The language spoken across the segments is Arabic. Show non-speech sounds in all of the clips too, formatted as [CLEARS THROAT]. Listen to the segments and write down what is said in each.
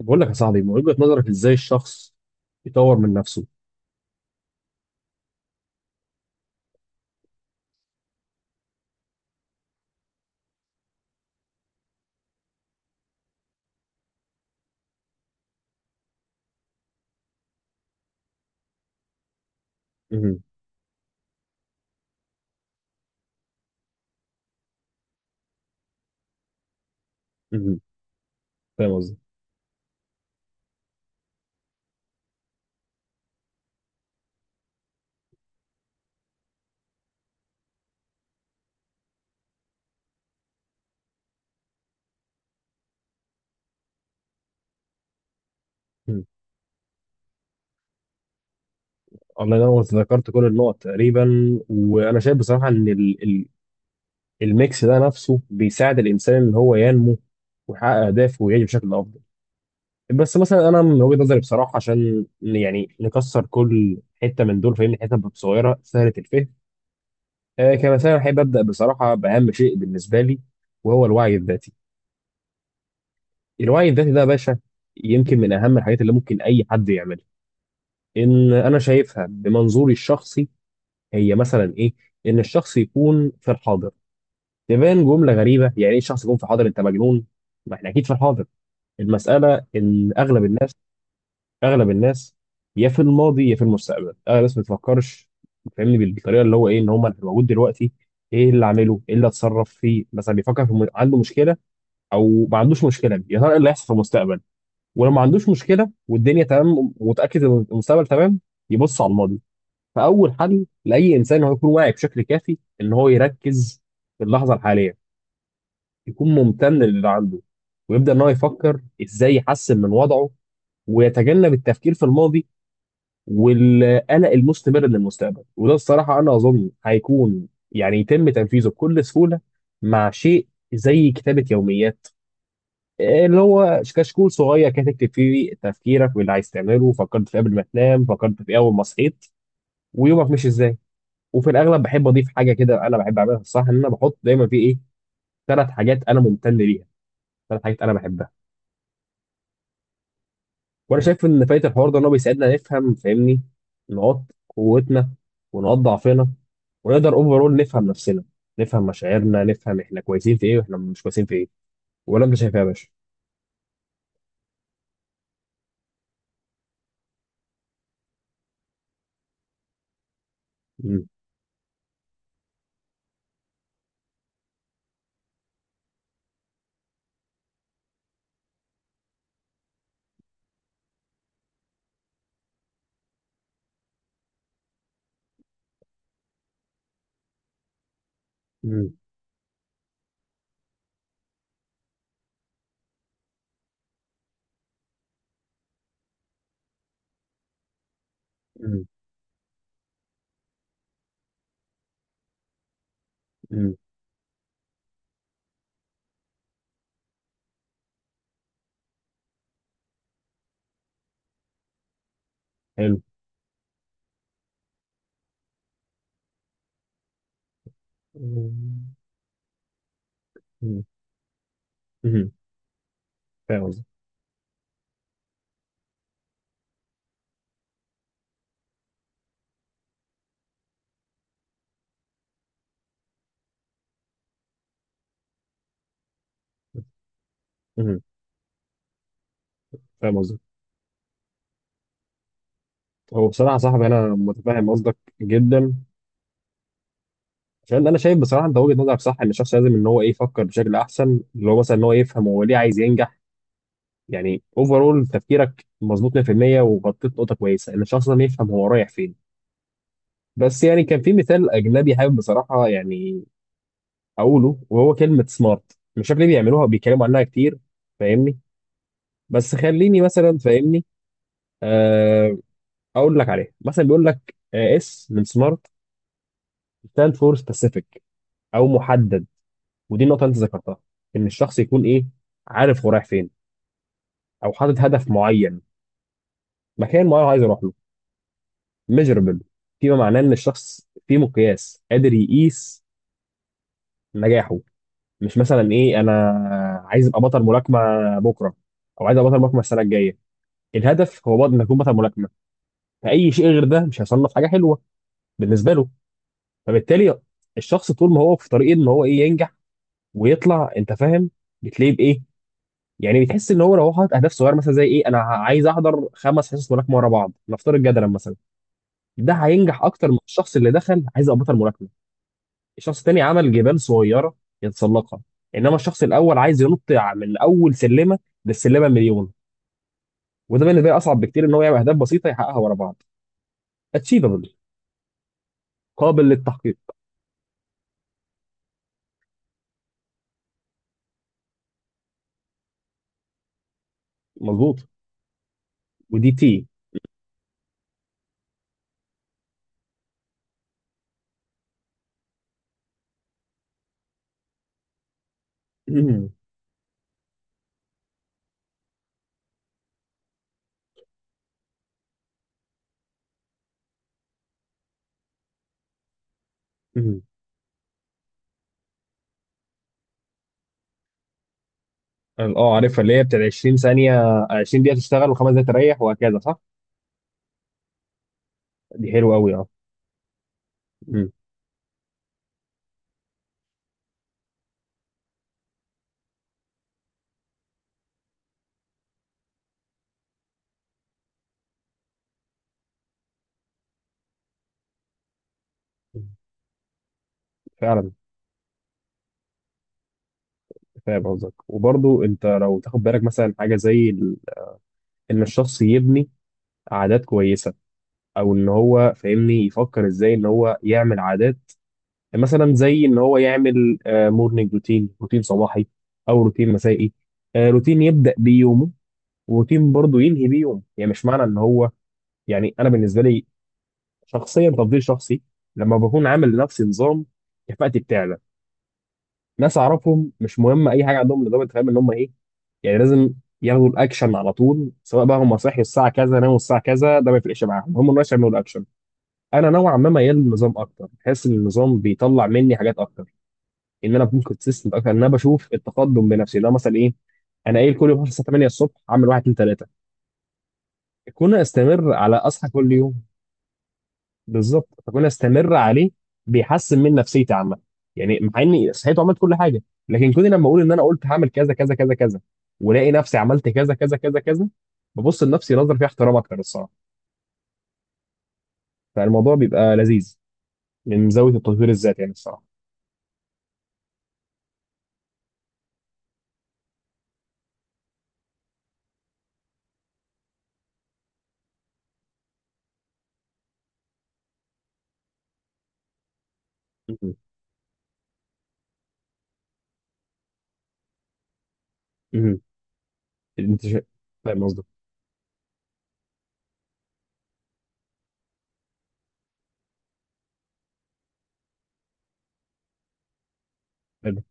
بقول لك يا صاحبي، من وجهة نظرك ازاي الشخص يطور من نفسه؟ مهم. مهم. فاهم قصدي. مهم. الله ينور، ذكرت كل النقط تقريبا. وانا شايف بصراحة ان ال الميكس ده نفسه بيساعد الانسان ان هو ينمو ويحقق اهدافه ويعيش بشكل افضل. بس مثلا انا من وجهة نظري بصراحة، عشان يعني نكسر كل حتة من دول، فاهمني، حتة بتبقى صغيرة سهلة الفهم. كمثلا احب ابدا بصراحة باهم شيء بالنسبة لي، وهو الوعي الذاتي. الوعي الذاتي ده يا باشا يمكن من اهم الحاجات اللي ممكن اي حد يعملها. ان انا شايفها بمنظوري الشخصي، هي مثلا ايه؟ ان الشخص يكون في الحاضر. تبان جمله غريبه، يعني ايه الشخص يكون في الحاضر، انت مجنون؟ ما احنا اكيد في الحاضر. المساله ان اغلب الناس، اغلب الناس، يا في الماضي يا في المستقبل. اغلب الناس ما بتفكرش، فاهمني، بالطريقه اللي هو ايه، ان هم انا موجود دلوقتي، ايه اللي اعمله، ايه اللي اتصرف فيه. مثلا بيفكر في عنده مشكله او ما عندوش مشكله، يا ترى ايه اللي هيحصل في المستقبل. ولو ما عندوش مشكله والدنيا تمام ومتاكد ان المستقبل تمام، يبص على الماضي. فاول حل لاي انسان هو يكون واعي بشكل كافي ان هو يركز في اللحظه الحاليه، يكون ممتن للي عنده، ويبدا ان هو يفكر ازاي يحسن من وضعه، ويتجنب التفكير في الماضي والقلق المستمر للمستقبل. وده الصراحه انا اظن هيكون يعني يتم تنفيذه بكل سهوله مع شيء زي كتابه يوميات، اللي هو كشكول صغير كده تكتب فيه تفكيرك واللي عايز تعمله، فكرت في قبل ما تنام، فكرت في اول ما صحيت، ويومك مش ازاي. وفي الاغلب بحب اضيف حاجه كده انا بحب اعملها الصراحه، ان انا بحط دايما في ايه، 3 حاجات انا ممتن ليها، 3 حاجات انا بحبها. وانا شايف ان فايت الحوار ده ان هو بيساعدنا نفهم، فاهمني، نقاط قوتنا ونقاط ضعفنا، ونقدر اوفرول نفهم نفسنا، نفهم مشاعرنا، نفهم احنا كويسين في ايه واحنا مش كويسين في ايه. ولا انت شايف إيه يا باشا؟ مم. مم. مم. مم. حلو. مم. مم. فاهم قصدك. مم. فاهم قصدك. هو بصراحه يا صاحبي انا متفاهم قصدك جدا، عشان انا شايف بصراحه انت وجهه نظرك صح، ان الشخص لازم ان هو ايه يفكر بشكل احسن، اللي هو مثلا ان هو يفهم هو ليه عايز ينجح. يعني اوفرول تفكيرك مظبوط 100%، وغطيت نقطه كويسه ان الشخص ده يفهم هو رايح فين. بس يعني كان في مثال اجنبي حابب بصراحه يعني اقوله، وهو كلمه سمارت. مش عارف ليه بيعملوها بيتكلموا عنها كتير، فاهمني. بس خليني مثلا، فاهمني، آه، اقول لك عليها. مثلا بيقول لك اس من سمارت stand for specific، او محدد، ودي النقطه اللي انت ذكرتها، ان الشخص يكون ايه، عارف هو رايح فين، او حاطط هدف معين، مكان معين هو عايز يروح له. ميجربل، فيما معناه ان الشخص في مقياس قادر يقيس نجاحه. مش مثلا ايه انا عايز ابقى بطل ملاكمه بكره، او عايز ابقى بطل ملاكمه السنه الجايه. الهدف هو بطل، انك تكون بطل ملاكمه. فاي شيء غير ده مش هيصنف حاجه حلوه بالنسبه له. فبالتالي الشخص طول ما هو في طريق ان هو ايه ينجح ويطلع، انت فاهم، بتلاقيه بايه، يعني بتحس ان هو لو هو حاطط اهداف صغيره، مثلا زي ايه، انا عايز احضر 5 حصص ملاكمه ورا بعض، نفترض جدلا مثلا، ده هينجح اكتر من الشخص اللي دخل عايز ابطل الملاكمه. الشخص التاني عمل جبال صغيره يتسلقها، انما الشخص الاول عايز ينط من اول سلمه للسلمه مليون. وده بالنسبه لي اصعب بكتير ان هو يعمل اهداف بسيطه يحققها ورا بعض. اتشيفبل، قابل للتحقيق. مظبوط. ودي [LAUGHS] [CLEARS THROAT] اه عارفها، اللي هي بتاعت 20 ثانيه، 20 دقيقه تشتغل و5 دقائق تريح وهكذا، صح. دي حلوه قوي، اه. مم. فعلا فاهم قصدك. وبرضو انت لو تاخد بالك مثلا حاجه زي ان الشخص يبني عادات كويسه، او ان هو، فاهمني، يفكر ازاي ان هو يعمل عادات، مثلا زي ان هو يعمل مورنينج روتين، روتين صباحي، او روتين مسائي، روتين يبدا بيه يومه، وروتين برضو ينهي بيه يومه. يعني مش معنى ان هو، يعني انا بالنسبه لي شخصيا، تفضيل شخصي، لما بكون عامل لنفسي نظام كفاءتي بتعلى. ناس اعرفهم مش مهم اي حاجه، عندهم نظام انت فاهم ان هم ايه، يعني لازم ياخدوا الاكشن على طول. سواء بقى هم صحي الساعه كذا، ناموا الساعه كذا، ده ما يفرقش معاهم، هم الناس يعملوا الاكشن. انا نوعا ما ميال للنظام اكتر، بحس ان النظام بيطلع مني حاجات اكتر، ان انا ممكن كونسيستنت اكتر، ان انا بشوف التقدم بنفسي، اللي هو مثلا ايه، انا قايل كل يوم هصحى 8 الصبح اعمل 1 2 3، كون استمر على اصحى كل يوم. بالظبط، فكون استمر عليه بيحسن من نفسيتي عامه. يعني مع اني صحيت وعملت كل حاجه، لكن كوني لما اقول ان انا قلت هعمل كذا كذا كذا كذا، ولاقي نفسي عملت كذا كذا كذا كذا، ببص لنفسي نظره فيها احترام اكتر الصراحه. فالموضوع بيبقى لذيذ من زاويه التطوير الذاتي يعني الصراحه. مهم. مهم. انت شا- فاهم قصدك. فاهم.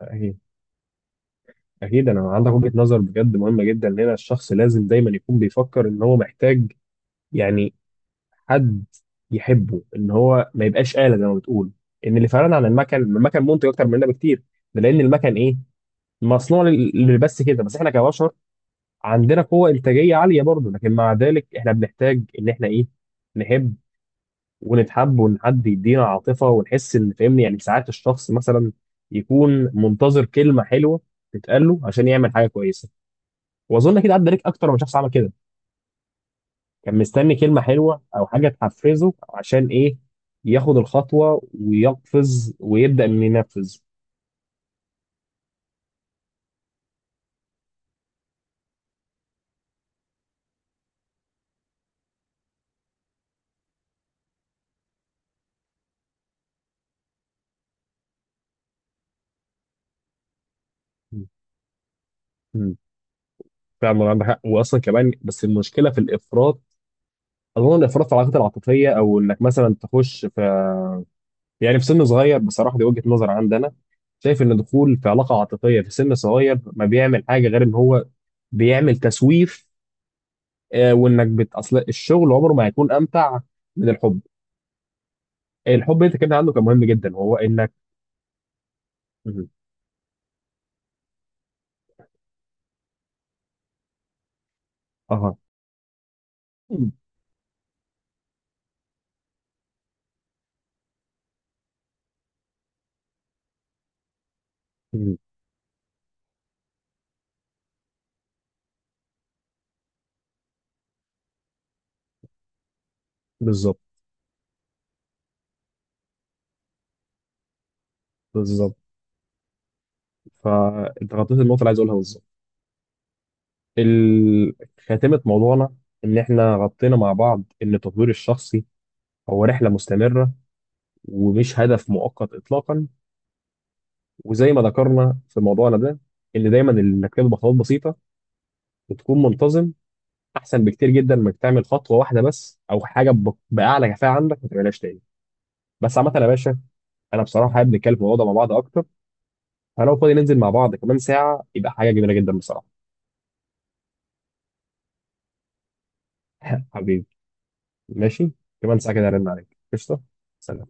اكيد. اكيد انا عندك وجهه نظر بجد مهمه جدا، ان هنا الشخص لازم دايما يكون بيفكر ان هو محتاج، يعني، حد يحبه، ان هو ما يبقاش آلة زي ما بتقول. ان اللي فرقنا عن المكن، المكن منتج اكتر مننا بكتير. ده لان المكن ايه، مصنوع بس كده. بس احنا كبشر عندنا قوة انتاجية عالية برضه، لكن مع ذلك احنا بنحتاج ان احنا ايه، نحب ونتحب، وان حد يدينا عاطفة ونحس ان، فاهمني، يعني ساعات الشخص مثلا يكون منتظر كلمة حلوة تتقال له عشان يعمل حاجة كويسة. واظن كده عدى عليك اكتر من شخص عمل كده، كان مستني كلمة حلوة أو حاجة تحفزه عشان إيه، ياخد الخطوة ويقفز ويبدأ إنه ينفذ. مم. مم. فعلا عندك حق. وأصلا كمان بس المشكلة في الإفراط. أظن الإفراط في العلاقات العاطفية، أو إنك مثلا تخش في، يعني في سن صغير، بصراحة دي وجهة نظر عندنا، شايف إن دخول في علاقة عاطفية في سن صغير ما بيعمل حاجة غير إن هو بيعمل تسويف، وإنك أصل الشغل عمره ما هيكون أمتع من الحب. الحب أنت كده عنده كان مهم جدا، وهو إنك. مم. اه. مم. مم. بالظبط. بالظبط. فانت غطيت النقطه اللي عايز اقولها بالظبط. ال- خاتمه موضوعنا، ان احنا غطينا مع بعض ان التطوير الشخصي هو رحله مستمره ومش هدف مؤقت اطلاقا. وزي ما ذكرنا في موضوعنا ده، ان دايما انك تبدا بخطوات بسيطه وتكون منتظم احسن بكتير جدا من انك تعمل خطوه واحده بس، او حاجه باعلى كفاءه عندك ما تعملهاش تاني. بس عامه يا باشا، انا بصراحه حابب نتكلم في الموضوع ده مع بعض اكتر، فلو فاضي ننزل مع بعض كمان ساعه يبقى حاجه جميله جدا بصراحه. [LAUGHS] حبيبي، ماشي، كمان ساعة كده هرن عليك، قشطة. سلام